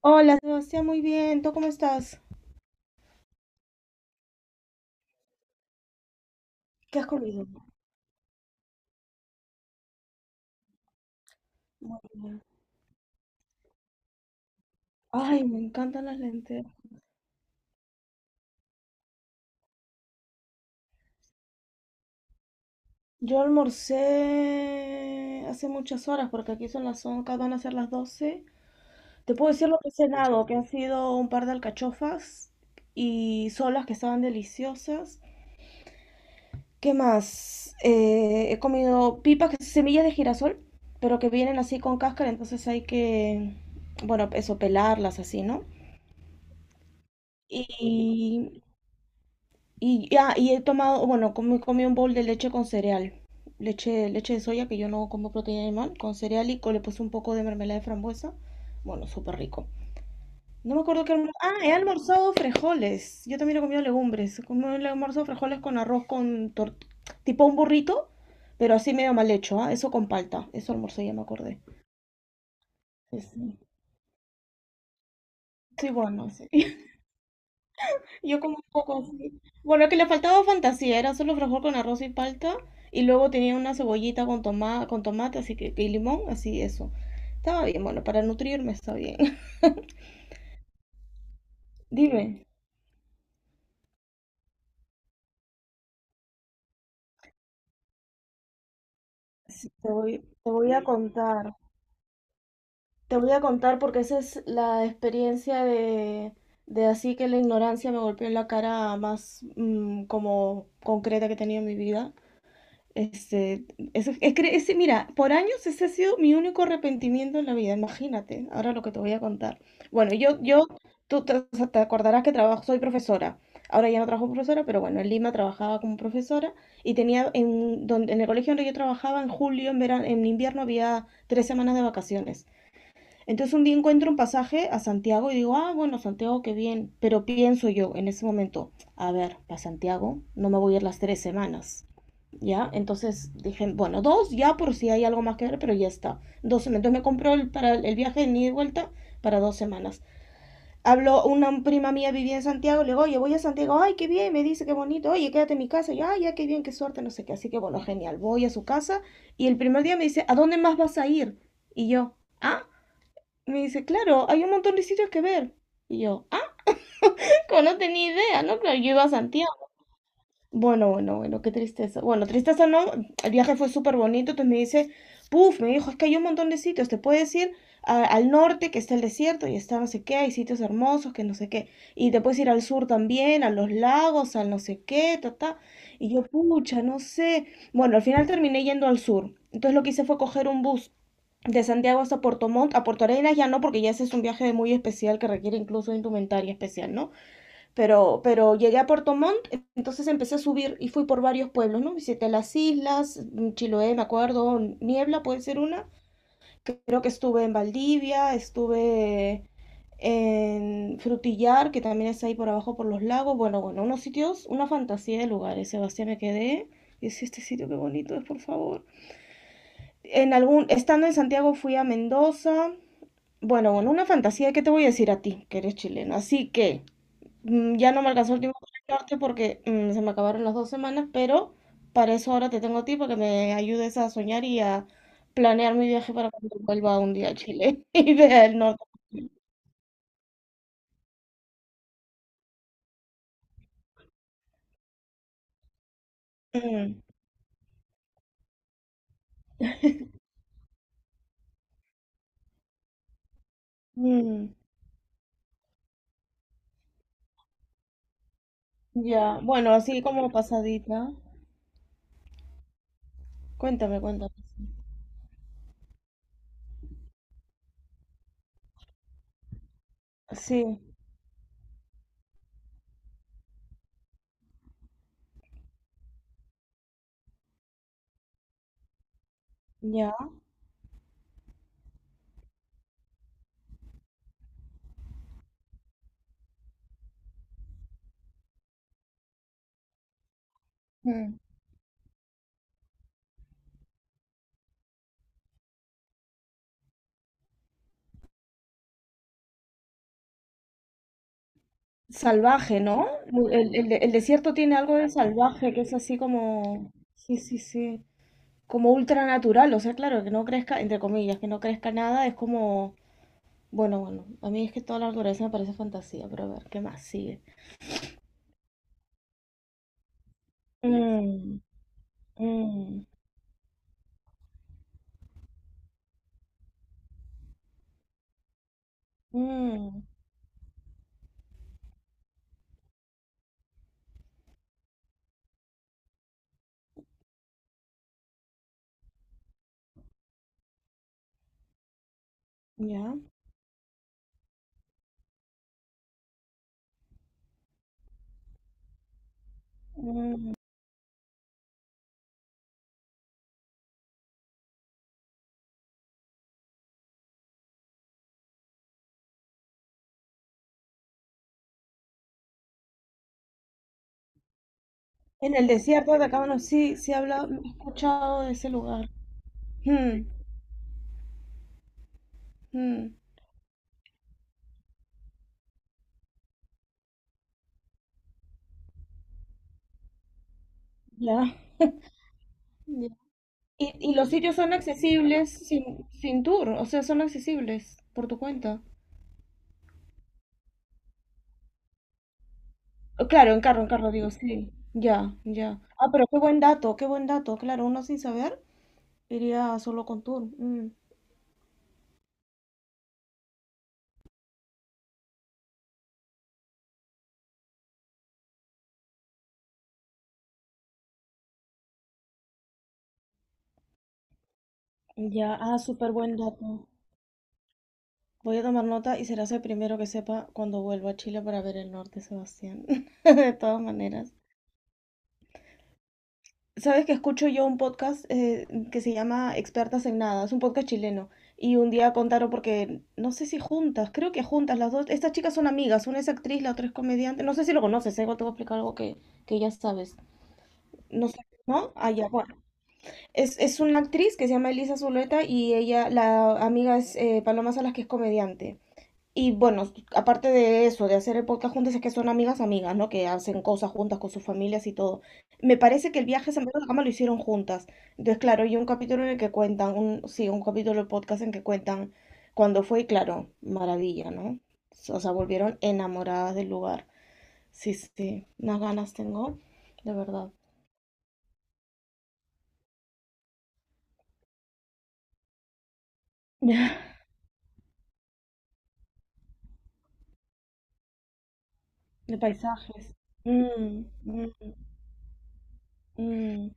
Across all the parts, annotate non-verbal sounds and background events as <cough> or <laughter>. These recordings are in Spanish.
Hola, Sebastián, muy bien. ¿Tú cómo estás? ¿Qué has comido? Muy bien. Ay, me encantan las lentejas. Yo almorcé hace muchas horas porque aquí son las 11, van a ser las 12. Te puedo decir lo que he cenado, que han sido un par de alcachofas y solas que estaban deliciosas. ¿Qué más? He comido pipas, que son semillas de girasol, pero que vienen así con cáscara, entonces hay que, bueno, eso, pelarlas así, ¿no? Y Y ya he tomado, bueno, comí un bowl de leche con cereal. Leche, leche de soya, que yo no como proteína animal, con cereal le puse un poco de mermelada de frambuesa. Bueno, súper rico. No me acuerdo ah, he almorzado frijoles. Yo también he comido legumbres. He almorzado frijoles con arroz tipo un burrito, pero así medio mal hecho, ¿ah? Eso con palta. Eso almorcé, ya me acordé. Sí, sí. Sí, bueno, sí. Yo como un poco así. Bueno, que le faltaba fantasía, era solo frijol con arroz y palta, y luego tenía una cebollita con tomate, así que, y limón, así eso. Estaba bien, bueno, para nutrirme está bien. <laughs> Dime. Sí, te voy a contar. Te voy a contar porque esa es la experiencia de, así que la ignorancia me golpeó en la cara más como concreta que he tenido en mi vida. Este, es, que ese, mira, por años ese ha sido mi único arrepentimiento en la vida, imagínate, ahora lo que te voy a contar. Bueno, yo, tú te, o sea, te acordarás que trabajo, soy profesora, ahora ya no trabajo como profesora, pero bueno, en Lima trabajaba como profesora y tenía, en el colegio donde yo trabajaba, en julio, en verano, en invierno había tres semanas de vacaciones. Entonces un día encuentro un pasaje a Santiago y digo, ah, bueno, Santiago, qué bien, pero pienso yo en ese momento, a ver, para Santiago no me voy a ir las tres semanas, ¿ya? Entonces dije, bueno, dos ya por si hay algo más que ver, pero ya está. Dos semanas. Entonces me compró el, para el viaje de ida y vuelta para dos semanas. Habló una prima mía, vivía en Santiago, le digo, oye, voy a Santiago, ay, qué bien, me dice, qué bonito, oye, quédate en mi casa, yo, ay, ya, qué bien, qué suerte, no sé qué, así que bueno, genial, voy a su casa y el primer día me dice, ¿a dónde más vas a ir? Y yo, ah, me dice, claro, hay un montón de sitios que ver. Y yo, ah, no tenía idea, ¿no? Claro, yo iba a Santiago. Bueno, bueno, bueno, qué tristeza. Bueno, tristeza no, el viaje fue súper bonito, entonces me dice, puf, me dijo, es que hay un montón de sitios, te puedes ir al norte, que está el desierto, y está no sé qué, hay sitios hermosos, que no sé qué, y te puedes ir al sur también, a los lagos, al no sé qué, ta, ta. Y yo, pucha, no sé. Bueno, al final terminé yendo al sur, entonces lo que hice fue coger un bus de Santiago hasta Puerto Montt, a Puerto Arenas ya no, porque ya ese es un viaje muy especial que requiere incluso indumentaria especial, ¿no? Pero llegué a Puerto Montt, entonces empecé a subir y fui por varios pueblos, ¿no? Visité las islas, Chiloé, me acuerdo, Niebla puede ser una. Creo que estuve en Valdivia, estuve en Frutillar, que también es ahí por abajo por los lagos. Bueno, bueno, unos sitios, una fantasía de lugares. Sebastián, me quedé. Y decía, este sitio qué bonito es, por favor. En algún, estando en Santiago fui a Mendoza. Bueno, bueno, una fantasía, ¿qué te voy a decir a ti, que eres chileno? Así que ya no me alcanzó el tiempo para ayudarte porque se me acabaron las dos semanas, pero para eso ahora te tengo a ti para que me ayudes a soñar y a planear mi viaje para cuando vuelva un día a Chile <laughs> y vea el norte. Mm, mm, ya, bueno, así como pasadita. Cuéntame, cuéntame. Sí, ya. Mm. Salvaje, ¿no? El desierto tiene algo de salvaje, que es así como, sí, sí, sí, como ultranatural, o sea, claro, que no crezca, entre comillas, que no crezca nada, es como. Bueno, bueno, a mí es que toda la naturaleza me parece fantasía, pero a ver, ¿qué más sigue? Mm, mm, mm, ya. Mm. En el desierto de Atacama, no, sí, sí he hablado, he escuchado de ese lugar. Mm, mm, ya. Ya. Y los sitios son accesibles sin tour, o sea, son accesibles por tu cuenta. Oh, claro, en carro, digo, sí. Ya, ya. Ah, pero qué buen dato, qué buen dato. Claro, uno sin saber iría solo con tour. Mm. Ya, ah, súper buen dato. Voy a tomar nota y serás el primero que sepa cuando vuelva a Chile para ver el norte, Sebastián. <laughs> De todas maneras. Sabes que escucho yo un podcast, que se llama Expertas en Nada, es un podcast chileno. Y un día contaron porque, no sé si juntas, creo que juntas las dos. Estas chicas son amigas, una es actriz, la otra es comediante. No sé si lo conoces, ¿eh? Igual te voy a explicar algo que ya sabes. No sé, ¿no? Ah, ya, bueno. Es una actriz que se llama Elisa Zuleta y ella, la amiga es, Paloma Salas, que es comediante. Y bueno, aparte de eso, de hacer el podcast juntas, es que son amigas, amigas, ¿no? Que hacen cosas juntas con sus familias y todo. Me parece que el viaje a San Pedro de la Cama lo hicieron juntas. Entonces, claro, hay un capítulo en el que cuentan, un, sí, un capítulo del podcast en que cuentan cuando fue, y claro, maravilla, ¿no? O sea, volvieron enamoradas del lugar. Sí, sí, unas ganas tengo, de verdad. <laughs> De paisajes. Mm, mm, mm,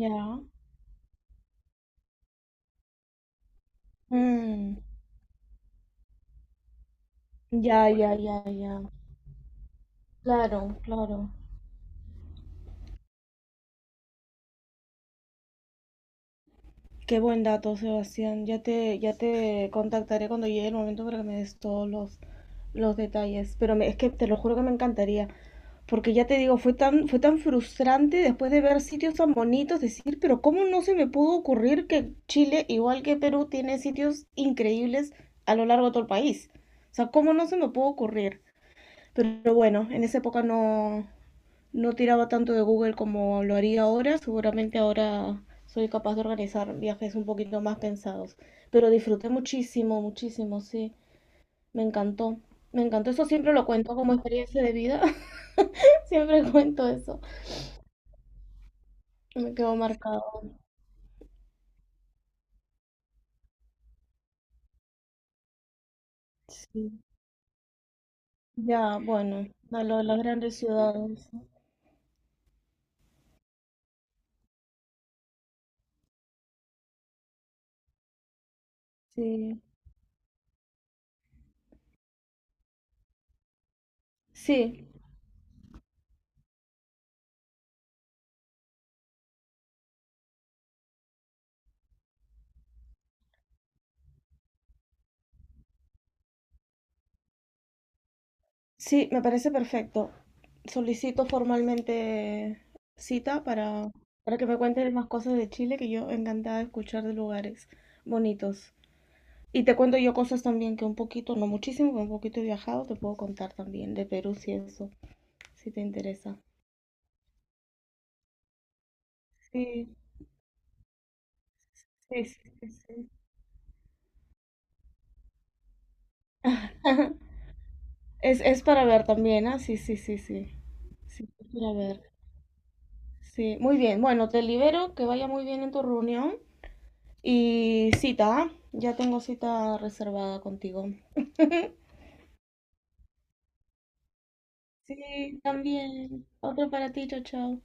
ya. Mm, ya, ya, ya, ya. Claro, claro. Qué buen dato, Sebastián. Ya te contactaré cuando llegue el momento para que me des todos los detalles. Pero es que te lo juro que me encantaría. Porque ya te digo, fue tan frustrante después de ver sitios tan bonitos, decir, pero ¿cómo no se me pudo ocurrir que Chile, igual que Perú, tiene sitios increíbles a lo largo de todo el país? O sea, ¿cómo no se me pudo ocurrir? Pero bueno, en esa época no, no tiraba tanto de Google como lo haría ahora. Seguramente ahora soy capaz de organizar viajes un poquito más pensados. Pero disfruté muchísimo, muchísimo, sí. Me encantó. Me encantó. Eso siempre lo cuento como experiencia de vida. <laughs> Siempre cuento eso. Me quedó marcado. Sí. Ya, bueno, a lo de las grandes ciudades. Sí. Sí, sí, me parece perfecto. Solicito formalmente cita para, que me cuentes más cosas de Chile, que yo encantada de escuchar de lugares bonitos. Y te cuento yo cosas también que un poquito, no muchísimo, pero un poquito he viajado, te puedo contar también de Perú si eso, si te interesa. Sí, sí, sí, sí, sí. <laughs> Es para ver también, ¿ah? Sí, sí, sí, sí. Sí, es para ver. Sí, muy bien. Bueno, te libero, que vaya muy bien en tu reunión. Y cita, ¿ah? Ya tengo cita reservada contigo. Sí, también. Otro para ti, chao, chao.